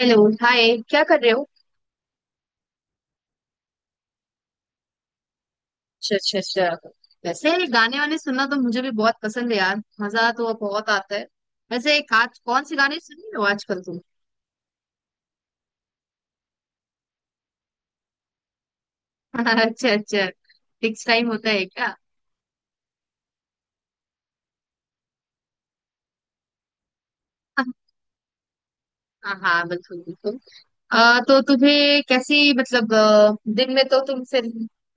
Hello. Hi, क्या कर रहे हो? अच्छा अच्छा अच्छा। वैसे गाने वाने सुनना तो मुझे भी बहुत पसंद है यार। मजा तो बहुत आता है। वैसे एक आज कौन से गाने सुन रहे हो आजकल तुम? अच्छा अच्छा। फिक्स टाइम होता है क्या? हाँ हाँ, बिल्कुल बिल्कुल। तो तुम्हें कैसी मतलब दिन में तो तुम फिर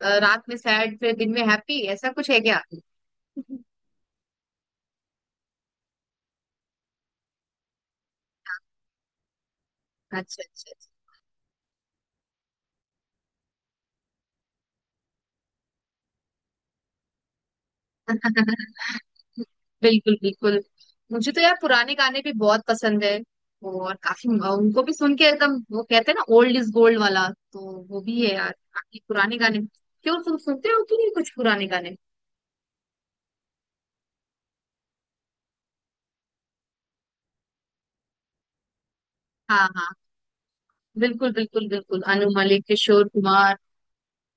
रात में सैड, फिर दिन में हैप्पी, ऐसा कुछ है क्या? अच्छा अच्छा अच्छा। बिल्कुल बिल्कुल। मुझे तो यार पुराने गाने भी बहुत पसंद है, और काफी उनको भी सुन के एकदम, वो कहते हैं ना, ओल्ड इज गोल्ड वाला, तो वो भी है यार काफी पुराने गाने। क्यों, तुम सुनते हो कि नहीं कुछ पुराने गाने? हाँ हाँ, बिल्कुल बिल्कुल बिल्कुल। अनु मलिक, किशोर कुमार।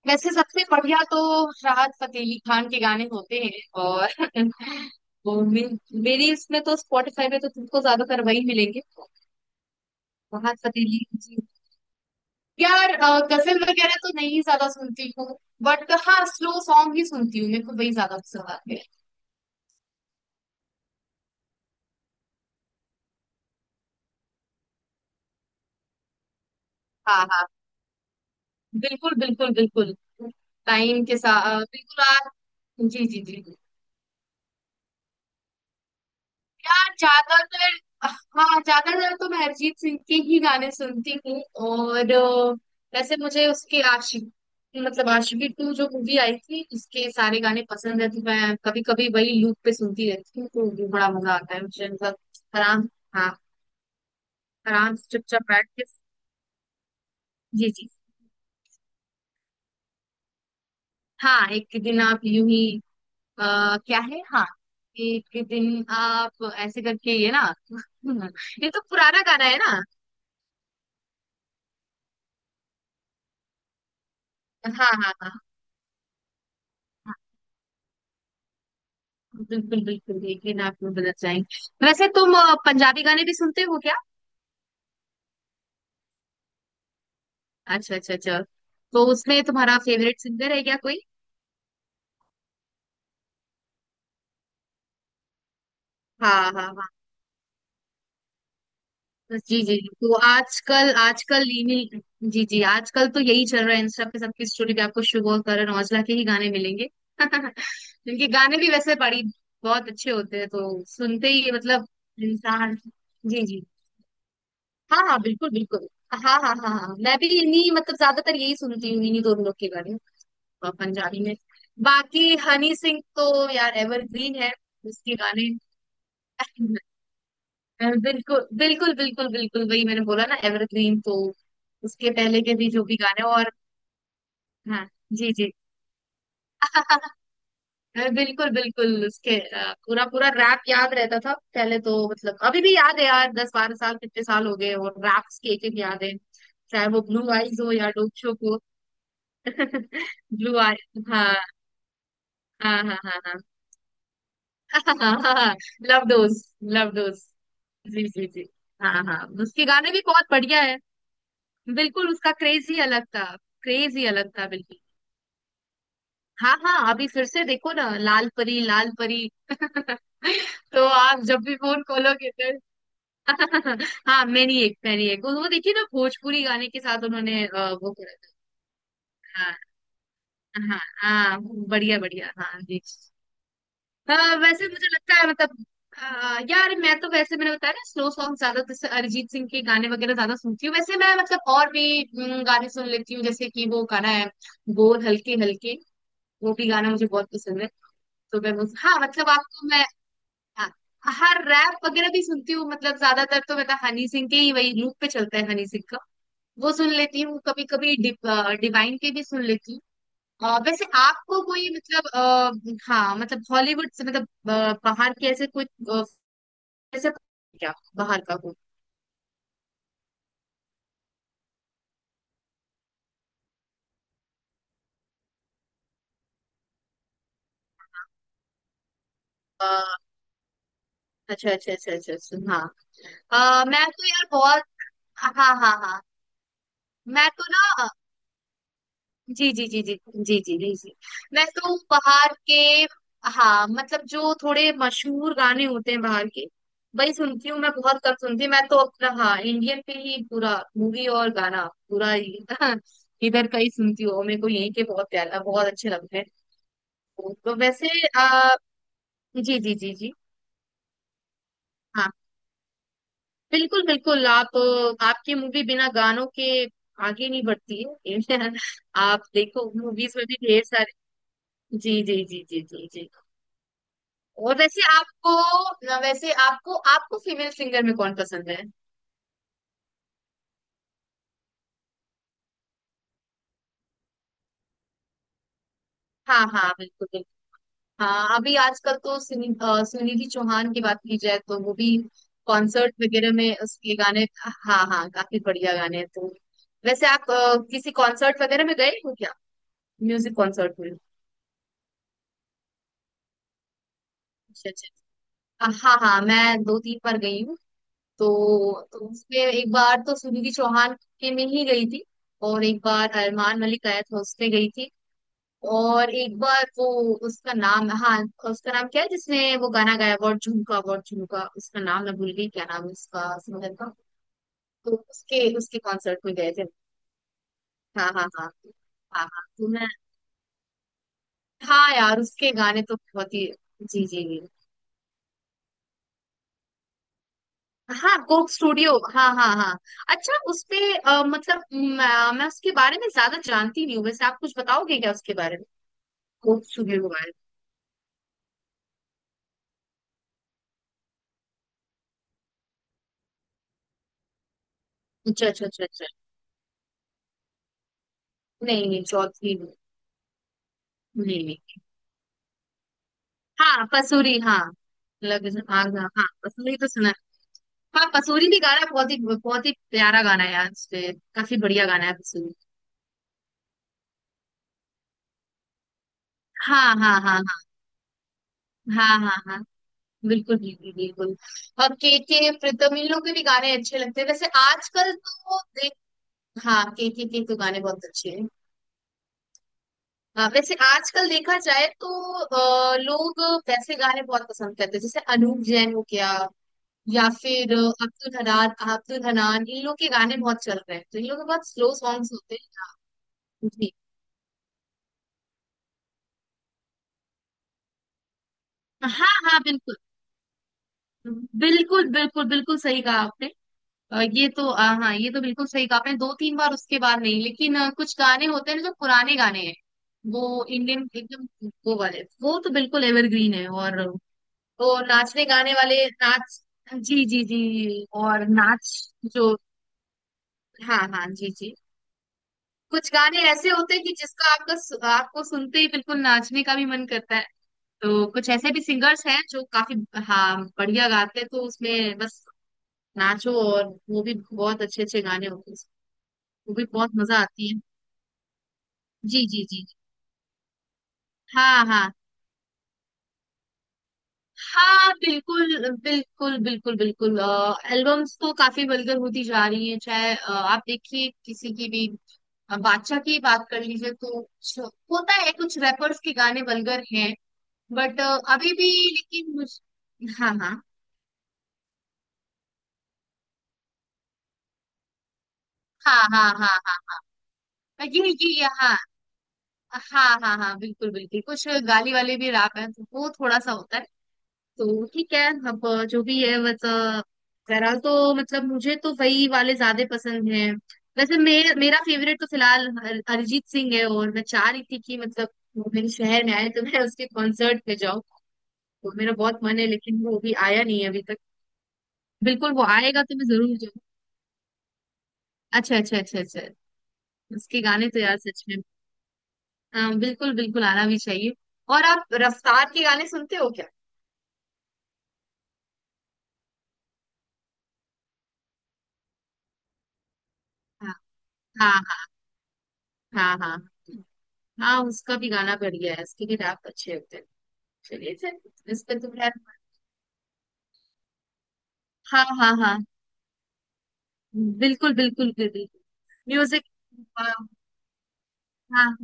वैसे सबसे बढ़िया तो राहत फतेह अली खान के गाने होते हैं। और वो मे, मेरी इसमें तो, स्पॉटिफाई में तो तुमको ज्यादातर वही मिलेंगे, राहत फतेह अली जी। यार, गजल वगैरह तो नहीं ज्यादा सुनती हूँ, बट हाँ, स्लो सॉन्ग ही सुनती हूँ, मेरे को वही ज्यादा पसंद आते हैं। हाँ हाँ, बिल्कुल बिल्कुल बिल्कुल। टाइम के साथ बिल्कुल आप। जी जी जी। यार ज्यादातर, हाँ, ज्यादातर तो मैं अरिजीत सिंह के ही गाने सुनती हूँ। और वैसे मुझे उसके आशिक, मतलब आशिकी 2 जो मूवी आई थी उसके सारे गाने पसंद है, तो मैं कभी कभी वही लूप पे सुनती रहती हूँ, तो भी बड़ा मजा आता है मुझे मतलब। आराम, हाँ, आराम से चुपचाप बैठ के। जी जी। हाँ, एक दिन आप यूं ही। क्या है, हाँ, एक दिन आप ऐसे करके ये ना। ये तो पुराना गाना है ना। हाँ हाँ हाँ हाँ, बिल्कुल बिल्कुल। एक दिन आप यूं बदल जाएंगे। वैसे तुम पंजाबी गाने भी सुनते हो क्या? अच्छा अच्छा अच्छा। तो उसमें तुम्हारा फेवरेट सिंगर है क्या कोई? हाँ हाँ हाँ। जी जी, तो आजकल आजकल रीमिल, जी जी, आजकल तो यही चल रहा है, इंस्टा पे सबकी स्टोरी पे आपको शुभ और करण औजला के ही गाने मिलेंगे। इनके गाने भी वैसे बड़ी बहुत अच्छे होते हैं, तो सुनते ही मतलब इंसान। जी जी। हाँ हाँ, बिल्कुल बिल्कुल। हाँ हाँ हाँ हाँ, मैं भी इन्हीं मतलब ज्यादातर यही सुनती हूँ, इन्हीं दोनों लोग के गाने। पंजाबी में बाकी हनी सिंह तो यार एवरग्रीन है, उसके गाने। बिल्कुल बिल्कुल बिल्कुल बिल्कुल, वही मैंने बोला ना एवरग्रीन, तो उसके पहले के भी जो भी गाने। और हाँ, जी जी। बिल्कुल बिल्कुल। उसके पूरा पूरा रैप याद रहता था पहले तो, मतलब अभी भी याद है यार, 10-12 साल, कितने साल हो गए, और रैप्स के एक एक याद है, चाहे वो ब्लू आईज हो या डोप शो हो। ब्लू आई, हाँ हाँ हाँ हाँ हाँ। Love dose, love dose. जी जी जी। हाँ हाँ, उसके गाने भी बहुत बढ़िया है। बिल्कुल, उसका क्रेज ही अलग था, क्रेज ही अलग था बिल्कुल। हाँ हाँ, अभी फिर से देखो ना, लाल परी लाल परी। तो आप जब भी फोन खोलोगे तो। हाँ मैनी एक वो देखिए ना, भोजपुरी गाने के साथ उन्होंने वो करा था। हाँ हाँ हाँ, बढ़िया बढ़िया, हाँ जी। हाँ, वैसे मुझे लगता है मतलब यार मैं तो वैसे, मैंने बताया ना स्लो सॉन्ग ज्यादा, जैसे अरिजीत सिंह के गाने वगैरह ज्यादा सुनती हूँ, वैसे मैं मतलब और भी गाने सुन लेती हूँ, जैसे कि वो गाना है बोल हल्के हल्के, वो भी गाना मुझे बहुत पसंद है। हाँ मतलब आपको मैं, हाँ, हर रैप वगैरह भी सुनती हूँ, मतलब ज्यादातर तो मतलब हनी सिंह के ही, वही लूप पे चलता है हनी सिंह का, वो सुन लेती हूँ। कभी कभी डिवाइन के भी सुन लेती हूँ। वैसे आपको कोई मतलब हाँ, मतलब हॉलीवुड से मतलब बाहर के ऐसे कोई ऐसा, क्या बाहर का कोई? अ, अच्छा अच्छा अच्छा अच्छा अच्छा। हाँ, मैं तो यार बहुत, हाँ हाँ हाँ हाँ। मैं तो ना, जी जी जी जी जी जी जी जी। मैं तो बाहर के, हाँ, मतलब जो थोड़े मशहूर गाने होते हैं बाहर के, वही सुनती हूँ। मैं बहुत कम सुनती हूँ, मैं तो अपना, हाँ, इंडियन पे ही पूरा मूवी और गाना, पूरा ही। इधर का ही सुनती हूँ, और मेरे को यही के बहुत प्यारा बहुत अच्छे लगते हैं। तो वैसे आ, जी जी जी जी। हाँ, बिल्कुल बिल्कुल। आप, आपकी मूवी बिना गानों के आगे नहीं बढ़ती है। आप देखो, मूवीज में भी ढेर सारे। जी जी जी जी जी जी। और वैसे आपको, वैसे आपको, आपको फीमेल सिंगर में कौन पसंद है? हाँ हाँ, बिल्कुल बिल्कुल। हाँ, अभी आजकल तो सुनिधि चौहान की बात की जाए तो वो भी, कॉन्सर्ट वगैरह में उसके गाने, हाँ हाँ, काफी बढ़िया गाने हैं। तो वैसे आप किसी कॉन्सर्ट वगैरह में गए हो क्या, म्यूजिक कॉन्सर्ट में? अच्छा अच्छा। हाँ हाँ, मैं 2-3 बार गई हूँ। तो उसमें एक बार तो सुनिधि चौहान के में ही गई थी, और एक बार अरमान मलिक आया था उसमें गई थी, और एक बार वो, उसका नाम, हाँ, उसका नाम क्या है जिसने वो गाना गाया, वो झुमका, वो झुमका, उसका नाम मैं भूल गई, क्या नाम है उसका सिंगर का? तो उसके, उसके कॉन्सर्ट में गए थे। हाँ हाँ हाँ हाँ हाँ। तो मैं, हाँ यार उसके गाने तो बहुत ही। जी जी जी। हाँ, कोक स्टूडियो, हाँ हाँ हाँ। अच्छा, उसपे मतलब मैं उसके बारे में ज्यादा जानती नहीं हूँ, वैसे आप कुछ बताओगे क्या उसके बारे में, कोक स्टूडियो के बारे में? अच्छा अच्छा अच्छा अच्छा। नहीं नहीं, चौथी नहीं नहीं। हाँ, पसूरी, हाँ, लगन आग, हाँ हाँ, हाँ, पसूरी तो सुना है। हाँ, पसूरी भी गाना बहुत ही प्यारा गाना है यार, उसपे काफी बढ़िया गाना है पसूरी। हाँ हाँ हाँ हाँ हाँ हाँ हाँ, बिल्कुल बिल्कुल बिल्कुल। और के, प्रीतम, इन लोग के भी गाने अच्छे लगते हैं। वैसे आजकल तो देख, हाँ, के तो गाने बहुत अच्छे हैं। हाँ, वैसे आजकल देखा जाए तो लोग वैसे गाने बहुत पसंद करते हैं, जैसे अनूप जैन हो गया, या फिर अब्दुल हनान, अब्दुल हनान, इन लोग के गाने बहुत चल रहे हैं, तो इन लोग के बहुत स्लो सॉन्ग्स होते हैं जी। हाँ हाँ, बिल्कुल बिल्कुल बिल्कुल बिल्कुल, सही कहा आपने। ये तो हाँ ये तो बिल्कुल सही कहा आपने, 2-3 बार उसके बाद नहीं, लेकिन कुछ गाने होते हैं ना जो पुराने गाने हैं, वो इंडियन एकदम, वो वाले वो तो बिल्कुल एवरग्रीन है। और वो नाचने गाने वाले नाच, जी जी जी, और नाच जो, हाँ हाँ जी जी, कुछ गाने ऐसे होते हैं कि जिसका आपका आपको सुनते ही बिल्कुल नाचने का भी मन करता है। तो कुछ ऐसे भी सिंगर्स हैं जो काफी, हाँ बढ़िया गाते हैं, तो उसमें बस नाचो, और वो भी बहुत अच्छे अच्छे गाने होते हैं, वो भी बहुत मजा आती है। जी जी जी। हाँ हाँ हाँ, बिल्कुल बिल्कुल बिल्कुल बिल्कुल। एल्बम्स तो काफी वल्गर होती जा रही है, चाहे आप देखिए किसी की भी, बादशाह की बात कर लीजिए तो कुछ होता है, कुछ रैपर्स के गाने वल्गर हैं, बट अभी भी, लेकिन मुझ, हाँ हाँ हाँ हाँ हाँ हाँ। पर हाँ हाँ हाँ हाँ, बिल्कुल बिल्कुल, कुछ गाली वाले भी रैप हैं, तो वो थोड़ा सा होता है। तो ठीक है अब, जो भी है मतलब, बहरहाल तो मतलब मुझे तो वही वाले ज्यादा पसंद हैं। वैसे मेरे, मेरा फेवरेट तो फिलहाल अरिजीत सिंह है, और मैं चाह रही थी कि मतलब वो मेरे शहर में आए तो मैं उसके कॉन्सर्ट पे जाऊँ, तो मेरा बहुत मन है, लेकिन वो अभी आया नहीं है अभी तक। बिल्कुल वो आएगा तो मैं जरूर जाऊँ। अच्छा अच्छा अच्छा अच्छा। उसके गाने तो यार सच में, हाँ, बिल्कुल बिल्कुल, आना भी चाहिए। और आप रफ्तार के गाने सुनते हो क्या? हाँ हाँ हाँ हाँ हाँ हाँ, हाँ, उसका भी गाना बढ़िया है, उसके भी रैप अच्छे होते हैं। चलिए फिर, इस पे तो खैर, हाँ हाँ हाँ, बिल्कुल बिल्कुल बिल्कुल, म्यूजिक, हाँ, हाँ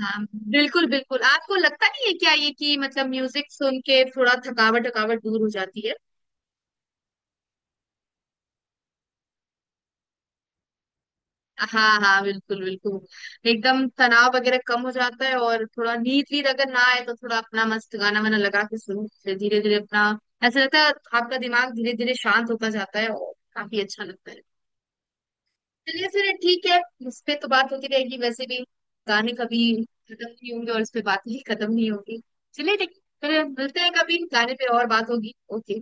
हाँ, बिल्कुल बिल्कुल। आपको लगता नहीं है क्या ये कि मतलब म्यूजिक सुन के थोड़ा थकावट, थकावट दूर हो जाती है? हाँ हाँ, बिल्कुल बिल्कुल, एकदम तनाव वगैरह कम हो जाता है, और थोड़ा नींद वींद अगर ना आए तो थोड़ा अपना मस्त गाना वाना लगा के सुनो, फिर धीरे धीरे अपना, ऐसा लगता है आपका दिमाग धीरे धीरे शांत होता जाता है, और काफी अच्छा लगता है। चलिए फिर ठीक है, इस पे तो बात होती रहेगी वैसे भी, गाने कभी खत्म नहीं होंगे और इस पे बात ही खत्म नहीं होगी। चलिए ठीक, फिर मिलते हैं, कभी गाने पे और बात होगी, ओके।